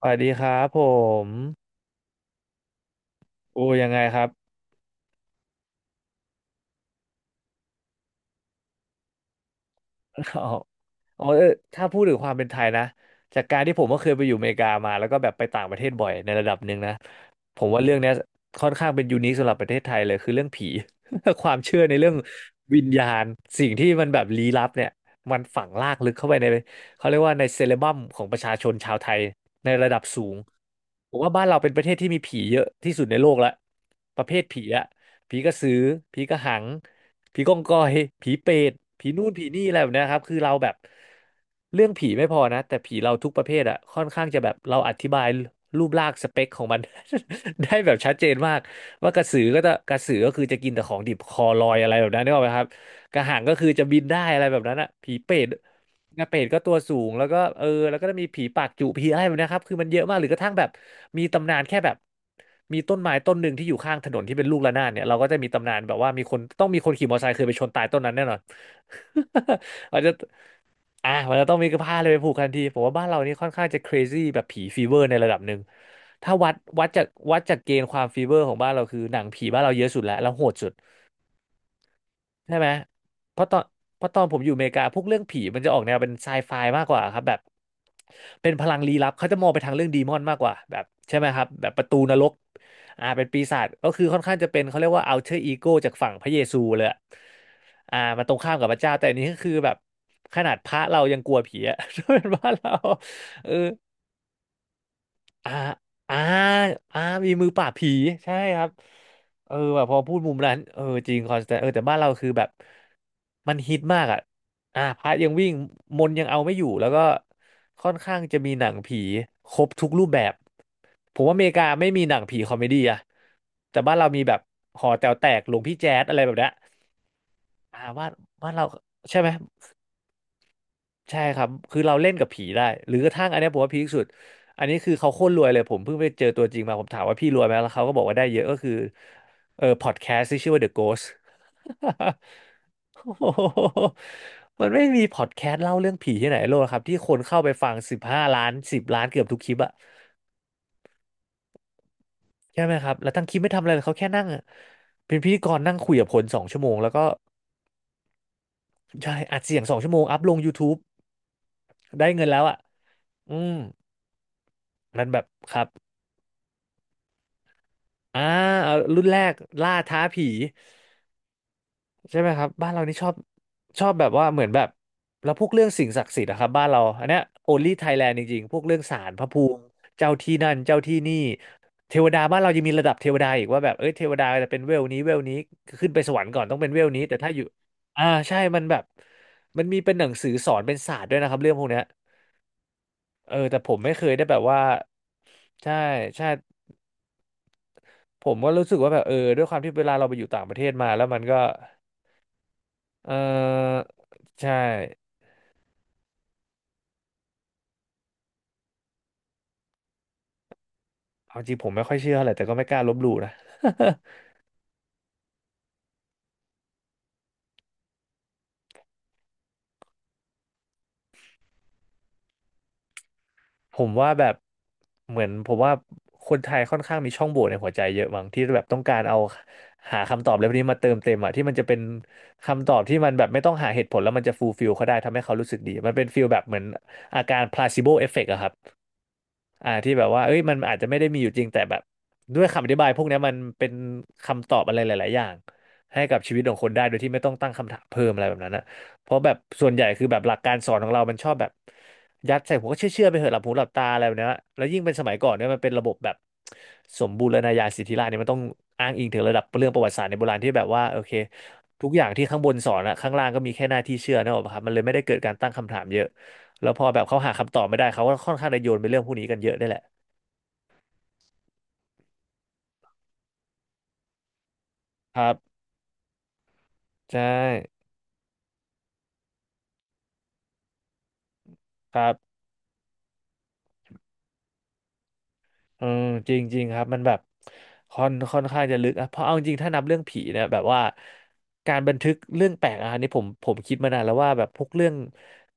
สวัสดีครับผมโอ้ยังไงครับอ๋ออ๋อเออถ้าพูดถึงความเป็นไทยนะจากการที่ผมก็เคยไปอยู่อเมริกามาแล้วก็แบบไปต่างประเทศบ่อยในระดับหนึ่งนะผมว่าเรื่องเนี้ยค่อนข้างเป็นยูนิคสำหรับประเทศไทยเลยคือเรื่องผี ความเชื่อในเรื่องวิญญาณสิ่งที่มันแบบลี้ลับเนี่ยมันฝังรากลึกเข้าไปในเขาเรียกว่าในเซเลบัมของประชาชนชาวไทยในระดับสูงผมว่าบ้านเราเป็นประเทศที่มีผีเยอะที่สุดในโลกละประเภทผีอะ ผีกระสือ ผีกระหัง ผีกองกอย ผีเปรตผีนู่นผีนี่อะไรแบบเนี้ยครับคือเราแบบเรื่องผีไม่พอนะแต่ผีเราทุกประเภทอะค่อนข้างจะแบบเราอธิบายรูปร่างสเปคของมัน ได้แบบชัดเจนมากว่ากระสือก็จะกระสือก็คือจะกินแต่ของดิบคอลอยอะไรแบบนั้นนึกออกไหมครับกระหังก็คือจะบินได้อะไรแบบนั้นอะผีเปรต กระเป็ดก็ตัวสูงแล้วก็จะมีผีปากจุผีอะไรแบบเนะครับคือมันเยอะมากหรือกระทั่งแบบมีตำนานแค่แบบมีต้นไม้ต้นหนึ่งที่อยู่ข้างถนนที่เป็นลูกระนาดเนี่ยเราก็จะมีตำนานแบบว่ามีคนต้องมีคนขี่มอเตอร์ไซค์เคยไปชนตายต้นนั้นแน่นอน มันจะมันจะต้องมีกระพาเลยไปผูกทันทีผมว่าบ้านเรานี่ค่อนข้างจะ crazy แบบผีฟีเวอร์ในระดับหนึ่งถ้าวัดจากเกณฑ์ความฟีเวอร์ของบ้านเราคือหนังผีบ้านเราเยอะสุดแล้วแล้วโหดสุด ใช่ไหมเพราะตอนเพราะตอนผมอยู่อเมริกาพวกเรื่องผีมันจะออกแนวเป็นไซไฟมากกว่าครับแบบเป็นพลังลี้ลับเขาจะมองไปทางเรื่องดีมอนมากกว่าแบบใช่ไหมครับแบบประตูนรกอ่าเป็นปีศาจก็คือค่อนข้างจะเป็นเขาเรียกว่า alter ego จากฝั่งพระเยซูเลยอะอ่ามันตรงข้ามกับพระเจ้าแต่อันนี้ก็คือแบบขนาดพระเรายังกลัวผีอะ ถ้าเป็นบ้านเราเออ อ่าอ่าอ่ามีมือปราบผี ใช่ครับเออแบบพอพูดมุมนั้นเออจริงคอนสแตนเออแต่บ้านเราคือแบบ มันฮิตมากอ่ะอ่าพระยังวิ่งมนต์ยังเอาไม่อยู่ แล้วก็ค่อนข้างจะมีหนังผีครบทุกรูปแบบ ผมว่าอเมริกาไม่มีหนังผีคอมเมดี้อะแต่บ้านเรามีแบบหอแต๋วแตกหลวงพี่แจ๊สอะไรแบบเนี้ยอ่าบ้านเราใช่ไหม ใช่ครับ คือเราเล่นกับผีได้ หรือกระทั่งอันเนี้ยผมว่าพีคสุด อันนี้คือเขาโคตรรวยเลยผมเพิ่งไปเจอตัวจริงมาผมถามว่าพี่รวยไหมแล้วเขาก็บอกว่าได้เยอะก็คือเออพอดแคสต์ที่ชื่อว่า The Ghost โอ้โหมันไม่มีพอดแคสต์เล่าเรื่องผีที่ไหนในโลกครับที่คนเข้าไปฟัง15 ล้าน10 ล้านเกือบทุกคลิปอะใช่ไหมครับแล้วทั้งคลิปไม่ทำอะไรเลยเขาแค่นั่งอะเป็นพิธีกรนั่งคุยกับคนสองชั่วโมงแล้วก็ใช่อัดเสียงสองชั่วโมงอัพลง YouTube ได้เงินแล้วอะอืมมันแบบครับ อ่าเอารุ่นแรกล่าท้าผีใช่ไหมครับบ้านเรานี่ชอบแบบว่าเหมือนแบบแล้วพวกเรื่องสิ่งศักดิ์สิทธิ์นะครับบ้านเราอันเนี้ย only Thailand จริงๆพวกเรื่องศาลพระภูมิเจ้าที่นั่นเจ้าที่นี่เทวดาบ้านเรายังมีระดับเทวดาอีกว่าแบบเอ้ยเทวดาจะเป็นเวลนี้เวลนี้ขึ้นไปสวรรค์ก่อนต้องเป็นเวลนี้แต่ถ้าอยู่อ่าใช่มันแบบมันมีเป็นหนังสือสอนเป็นศาสตร์ด้วยนะครับเรื่องพวกเนี้ยเออแต่ผมไม่เคยได้แบบว่าใช่ใช่ ผมก็รู้สึกว่าแบบด้วยความที่เวลาเราไปอยู่ต่างประเทศมาแล้วมันก็เออใช่เอาจริงผมไม่ค่อยเชื่ออะไรแต่ก็ไม่กล้าลบหลู่นะ ผมว่าแบบเหมือนผมว่าคนไทยค่อนข้างมีช่องโหว่ในหัวใจเยอะมั้งที่แบบต้องการเอาหาคำตอบอะไรพวกนี้มาเติมเต็มอะที่มันจะเป็นคำตอบที่มันแบบไม่ต้องหาเหตุผลแล้วมันจะฟูลฟิลเขาได้ทำให้เขารู้สึกดีมันเป็นฟิลแบบเหมือนอาการ placebo effect อะครับ อ่าที่แบบว่าเอ้ยมันอาจจะไม่ได้มีอยู่จริงแต่แบบด้วยคำอธิบายพวกเนี้ยมันเป็นคำตอบอะไรหลายๆอย่างให้กับชีวิตของคนได้โดยที่ไม่ต้องตั้งคำถามเพิ่มอะไรแบบนั้นนะเพราะแบบส่วนใหญ่คือแบบหลักการสอนของเรามันชอบแบบยัดใส่หัวก็เชื่อไปเถอะหลับหูหลับตาอะไรแบบเนี้ยแล้วยิ่งเป็นสมัยก่อนเนี่ยมันเป็นระบบแบบสมบูรณาญาสิทธิราชย์เนี่ยมันต้องอ้างอิงถึงระดับเรื่องประวัติศาสตร์ในโบราณที่แบบว่าโอเคทุกอย่างที่ข้างบนสอนอะข้างล่างก็มีแค่หน้าที่เชื่อนะครับมันเลยไม่ได้เกิดการตั้งคำถามเยอะ แล้วพอแบบเขาหาคำตอบไม่ได้เขาก็ค่อนข้างจะโยนไปเรื่องพวกนี้กันเยอะได้วยแหละครับใช่ครับเออจริงจริงครับมันแบบค่อนข้างจะลึกอะเพราะเอาจริงถ้านับเรื่องผีเนี่ยแบบว่าการบันทึกเรื่องแปลกอะอันนี้ผมคิดมานานแล้วว่าแบบพวกเรื่อง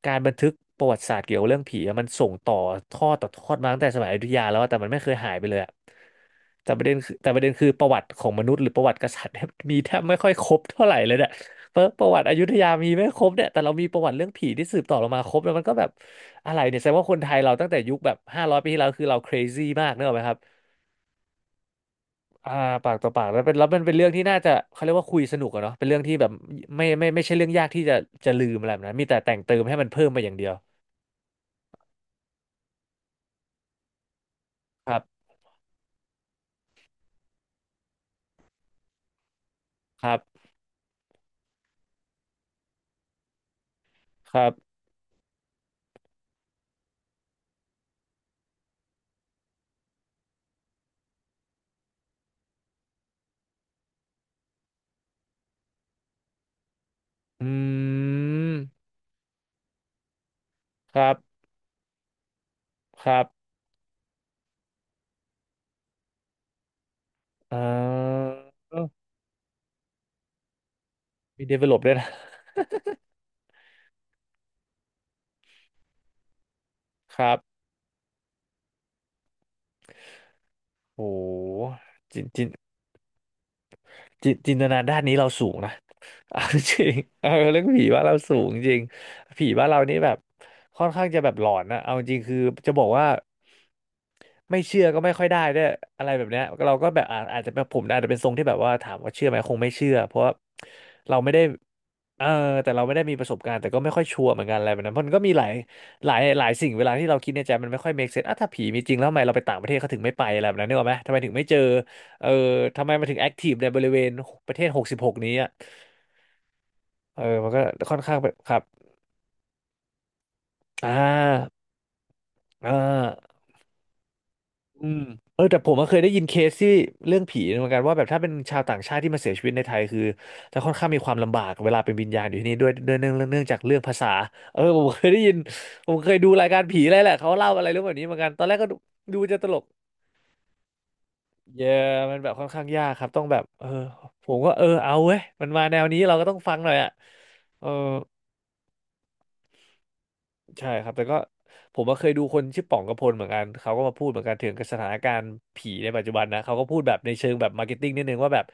การบันทึกประวัติศาสตร์เกี่ยวกับเรื่องผีอะมันส่งต่อทอดต่อทอดมาตั้งแต่สมัยอยุธยาแล้วอะแต่มันไม่เคยหายไปเลยอะแต่ประเด็นคือแต่ประเด็นคือประวัติของมนุษย์หรือประวัติกษัตริย์เนี่ย มีแทบไม่ค่อยครบเท่าไหร่เลยนะ เปิประวัติอยุธยามีไม่ครบเนี่ย แต่เรามีประวัติเรื่องผีที่สืบต่อลงมาครบแล้วมันก็แบบอะไรเนี่ยแสดงว่าคนไทยเราตั้งแต่ยุคแบบ500ปีที่แล้วคือเรา crazy มากเนกอะไหมครับอ่าปากต่อปากแล้วเป็นแล้วมันเป็นเรื่องที่น่าจะเขาเรียกว่าคุยสนุกอะเนาะเป็นเรื่องที่แบบไม่ใช่เรื่องยากที่จะจะลืมอะไรแบบนั้มีแต่แต่งเติมให้มันเพิ่มมาอย่างเดียวครับครับครับอืมครับครับอ่ามี develop ด้วยนะ ครับโหจิง จินตนาด้านนี้เราสูงนะ เอาจริงเออเรื่องผีบ้านเราสูงจริง ผีบ้านเรานี่แบบค่อนข้างจะแบบหลอนนะเอาจริงคือจะบอกว่าไม่เชื่อก็ไม่ค่อยได้ด้วยอะไรแบบเนี้ยเราก็แบบอาจจะเป็นผมอาจจะเป็นทรงที่แบบว่าถามว่าเชื่อไหมคงไม่เชื่อเพราะว่าเราไม่ได้เออแต่เราไม่ได้มีประสบการณ์แต่ก็ไม่ค่อยชัวร์เหมือนกันอะไรแบบนั้นเพราะมันก็มีหลายสิ่งเวลาที่เราคิดในใจมันไม่ค่อย make sense อ่ะถ้าผีมีจริงแล้วทำไมเราไปต่างประเทศเขาถึงไม่ไปอะไรแบบนั้นนึกออกไหมทำไมถึงไม่เจอ เออทำไมมันถึงแอคทีฟในบริเวณประเทศ66นี้อ่ะเออมันก็ค่อนข้างแบบครับอ่าอ่าอืมเออแต่ผมก็เคยได้ยินเคสที่เรื่องผีเหมือนกันว่าแบบถ้าเป็นชาวต่างชาติที่มาเสียชีวิตในไทยคือจะค่อนข้างมีความลำบากเวลาเป็นวิญญาณอยู่ที่นี่ด้วยเนื่องจากเรื่องภาษาเออผมเคยได้ยิน ผมเคยดูรายการผีอะไรแหละเขาเล่าอะไรเรื่องแบบนี้เหมือนกันตอนแรกก็ดูดูจะตลกเยอะมันแบบค่อนข้างยากครับต้องแบบเออผมก็เออเอาเว้ยมันมาแนวนี้เราก็ต้องฟังหน่อยอ่ะเออ ใช่ครับแต่ก็ผมก็เคยดูคนชื่อป๋องกระพลเหมือนกันเขาก็มาพูดเหมือนกันถึงสถานการณ์ผีในปัจจุบันนะเขาก็พูดแบบในเชิงแบบมาร์เก็ตติ้งนิดนึงว่าแบบ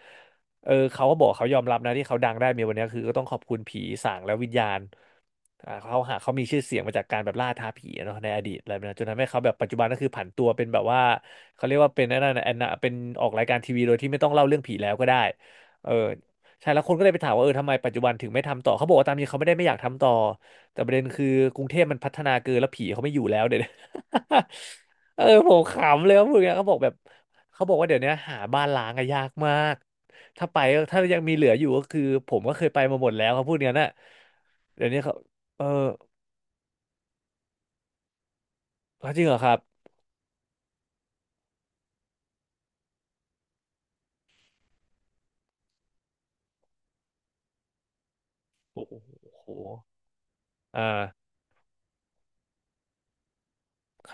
เออเขาก็บอกเขายอมรับนะที่เขาดังได้มีวันนี้คือก็ต้องขอบคุณผีสางและวิญญาณ อ่าเขาหาเขามีชื่อเสียงมาจากการแบบล่าท้าผีอะเนาะในอดีตอะไรแบบนั้นจนทำให้เขาแบบปัจจุบันก็คือผันตัวเป็นแบบว่าเขาเรียกว่าเป็นนั่นนะแอนนาเป็นออกรายการทีวีโดยที่ไม่ต้องเล่าเรื่องผีแล้วก็ได้เออใช่แล้วคนก็เลยไปถามว่าเออทำไมปัจจุบันถึงไม่ทำต่อเขาบอกว่าตามจริงเขาไม่อยากทำต่อแต่ประเด็นคือกรุงเทพมันพัฒนาเกินแล้วผีเขาไม่อยู่แล้วเดี๋ยว นี้ เออผมขำเลยว่าพวกเนี้ยเขาบอกแบบเขาบอกว่าเดี๋ยวนี้หาบ้านล้างอะยากมากถ้าไปก็ถ้ายังมีเหลืออยู่ก็คือผมก็เคยไปมาหมดแล้วเขาพวกเนี้ยน่ะเดี๋ยวนี้เขา เออแล้วจริงเหรอครับโอ้โหอ่า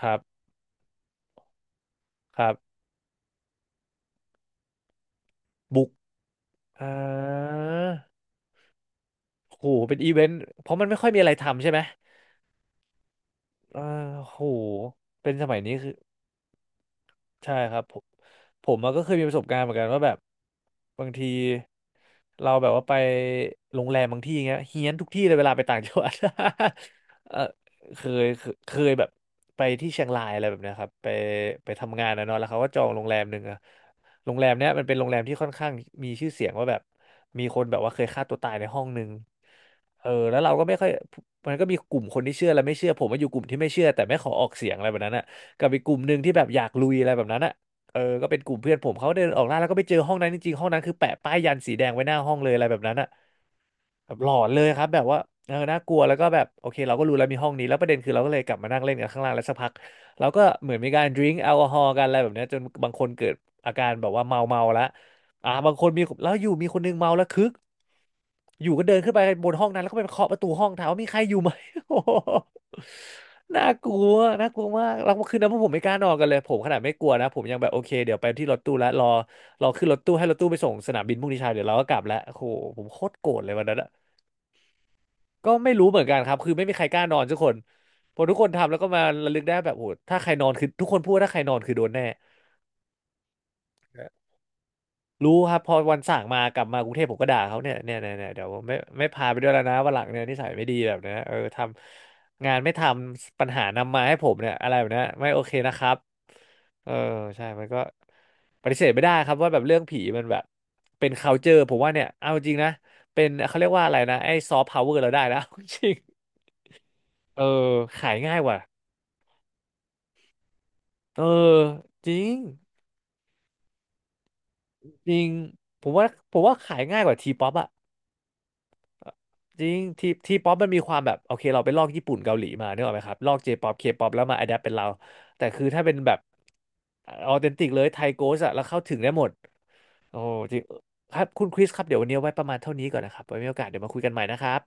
ครับครับบุกอ่าโหเป็นอีเวนต์เพราะมันไม่ค่อยมีอะไรทำใช่ไหมอ่าโหเป็นสมัยนี้คือ ใช่ครับผมผมอะก็เคยมีประสบการณ์เหมือนกันว่าแบบบางทีเราแบบว่าไปโรงแรมบางที่เงี้ยเฮี้ยนทุกที่เลยเวลาไปต่างจังหวัด เออเคยเคยเคยแบบไปที่เชียงรายอะไรแบบเนี้ยครับไปไปทำงานนะเนาะแล้วเขาก็จองโรงแรมหนึ่งอะโรงแรมเนี้ยมันเป็นโรงแรมที่ค่อนข้างมีชื่อเสียงว่าแบบมีคนแบบว่าเคยฆ่าตัวตายในห้องหนึ่งเออแล้วเราก็ไม่ค่อยมันก็มีกลุ่มคนที่เชื่อและไม่เชื่อผมว่าอยู่กลุ่มที่ไม่เชื่อแต่ไม่ขอออกเสียงอะไรแบบนั้นอะ กับอีกกลุ่มหนึ่งที่แบบอยากลุยอะไรแบบนั้นอ่ะเออก็เป็นกลุ่มเพื่อนผมเขาเดินออกล่าแล้วก็ไปเจอห้องนั้นจริงๆห้องนั้นคือแปะป้ายยันสีแดงไว้หน้าห้องเลยอะไรแบบนั้นอ่ะแบบหลอนเลยครับแบบว่าเออน่ากลัวแล้วก็แบบโอเคเราก็รู้แล้วมีห้องนี้แล้วประเด็นคือเราก็เลยกลับมานั่งเล่นกันข้างล่างแล้วสักพักเราก็เหมือนมีการดื่มแอลกอฮอล์กันอะไรแบบเนี้ยจนบางคนเกิดอาการแบบว่าเมาแลวบางคนมีแล้วอยู่มีคนนึงเมาแล้วคึก อยู่ก็เดินขึ้นไปบนห้องนั้นแล้วก็ไปเคาะประตูห้องถามว่ามีใครอยู่ไหม โอ้โห น่ากลัว น่ากลัวมากแล้วคืนนั้นพวกผมไม่กล้านอนกันเลยผมขนาดไม่กลัวนะผมยังแบบโอเคเดี๋ยวไปที่รถตู้แล้วรอรอขึ้นรถตู้ให้รถตู้ไปส่งสนามบินพรุ่งนี้เช้าเดี๋ยวเราก็กลับแล้วโอ้โหผมโคตรโกรธเลยวันนั้นอะก็ไม่รู้เหมือนกันครับคือไม่มีใครกล้านอนสักคนพอทุกคนทำแล้วก็มาระลึกได้แบบโอ้โหถ้าใครนอนคือทุกคนพูดว่าถ้าใครนอนคือโดนแน่ รู้ครับพอวันสั่งมากลับมากรุงเทพผมก็ด่าเขาเนี่ยเดี๋ยวผมไม่พาไปด้วยแล้วนะวันหลังเนี่ยนิสัยไม่ดีแบบเนี้ยเออทำงานไม่ทำปัญหานำมาให้ผมเนี่ยอะไรแบบเนี้ยไม่โอเคนะครับเออใช่มันก็ปฏิเสธไม่ได้ครับว่าแบบเรื่องผีมันแบบเป็น culture ผมว่าเนี่ยเอาจริงนะเป็นเขาเรียกว่าอะไรนะไอ้ซอฟต์พาวเวอร์เราได้แล้ว จริงเออขายง่ายกว่าเออจริงจริงผมว่าผมว่าขายง่ายกว่าทีป๊อปอะ จริงทีป๊อปมันมีความแบบโอเคเราไปลอกญี่ปุ่นเกาหลีมาเนกออกไหมครับลอกเจป๊อปเคป๊อปแล้วมาอะแดปเป็นเราแต่คือถ้าเป็นแบบออเทนติกเลยไทยโกสอะแล้วเข้าถึงได้หมดโอ้จริงครับคุณคริสครับเดี๋ยววันนี้เอาไว้ประมาณเท่านี้ก่อนนะครับไว้มีโอกาสเดี๋ยวมาคุยกันใหม่นะครับ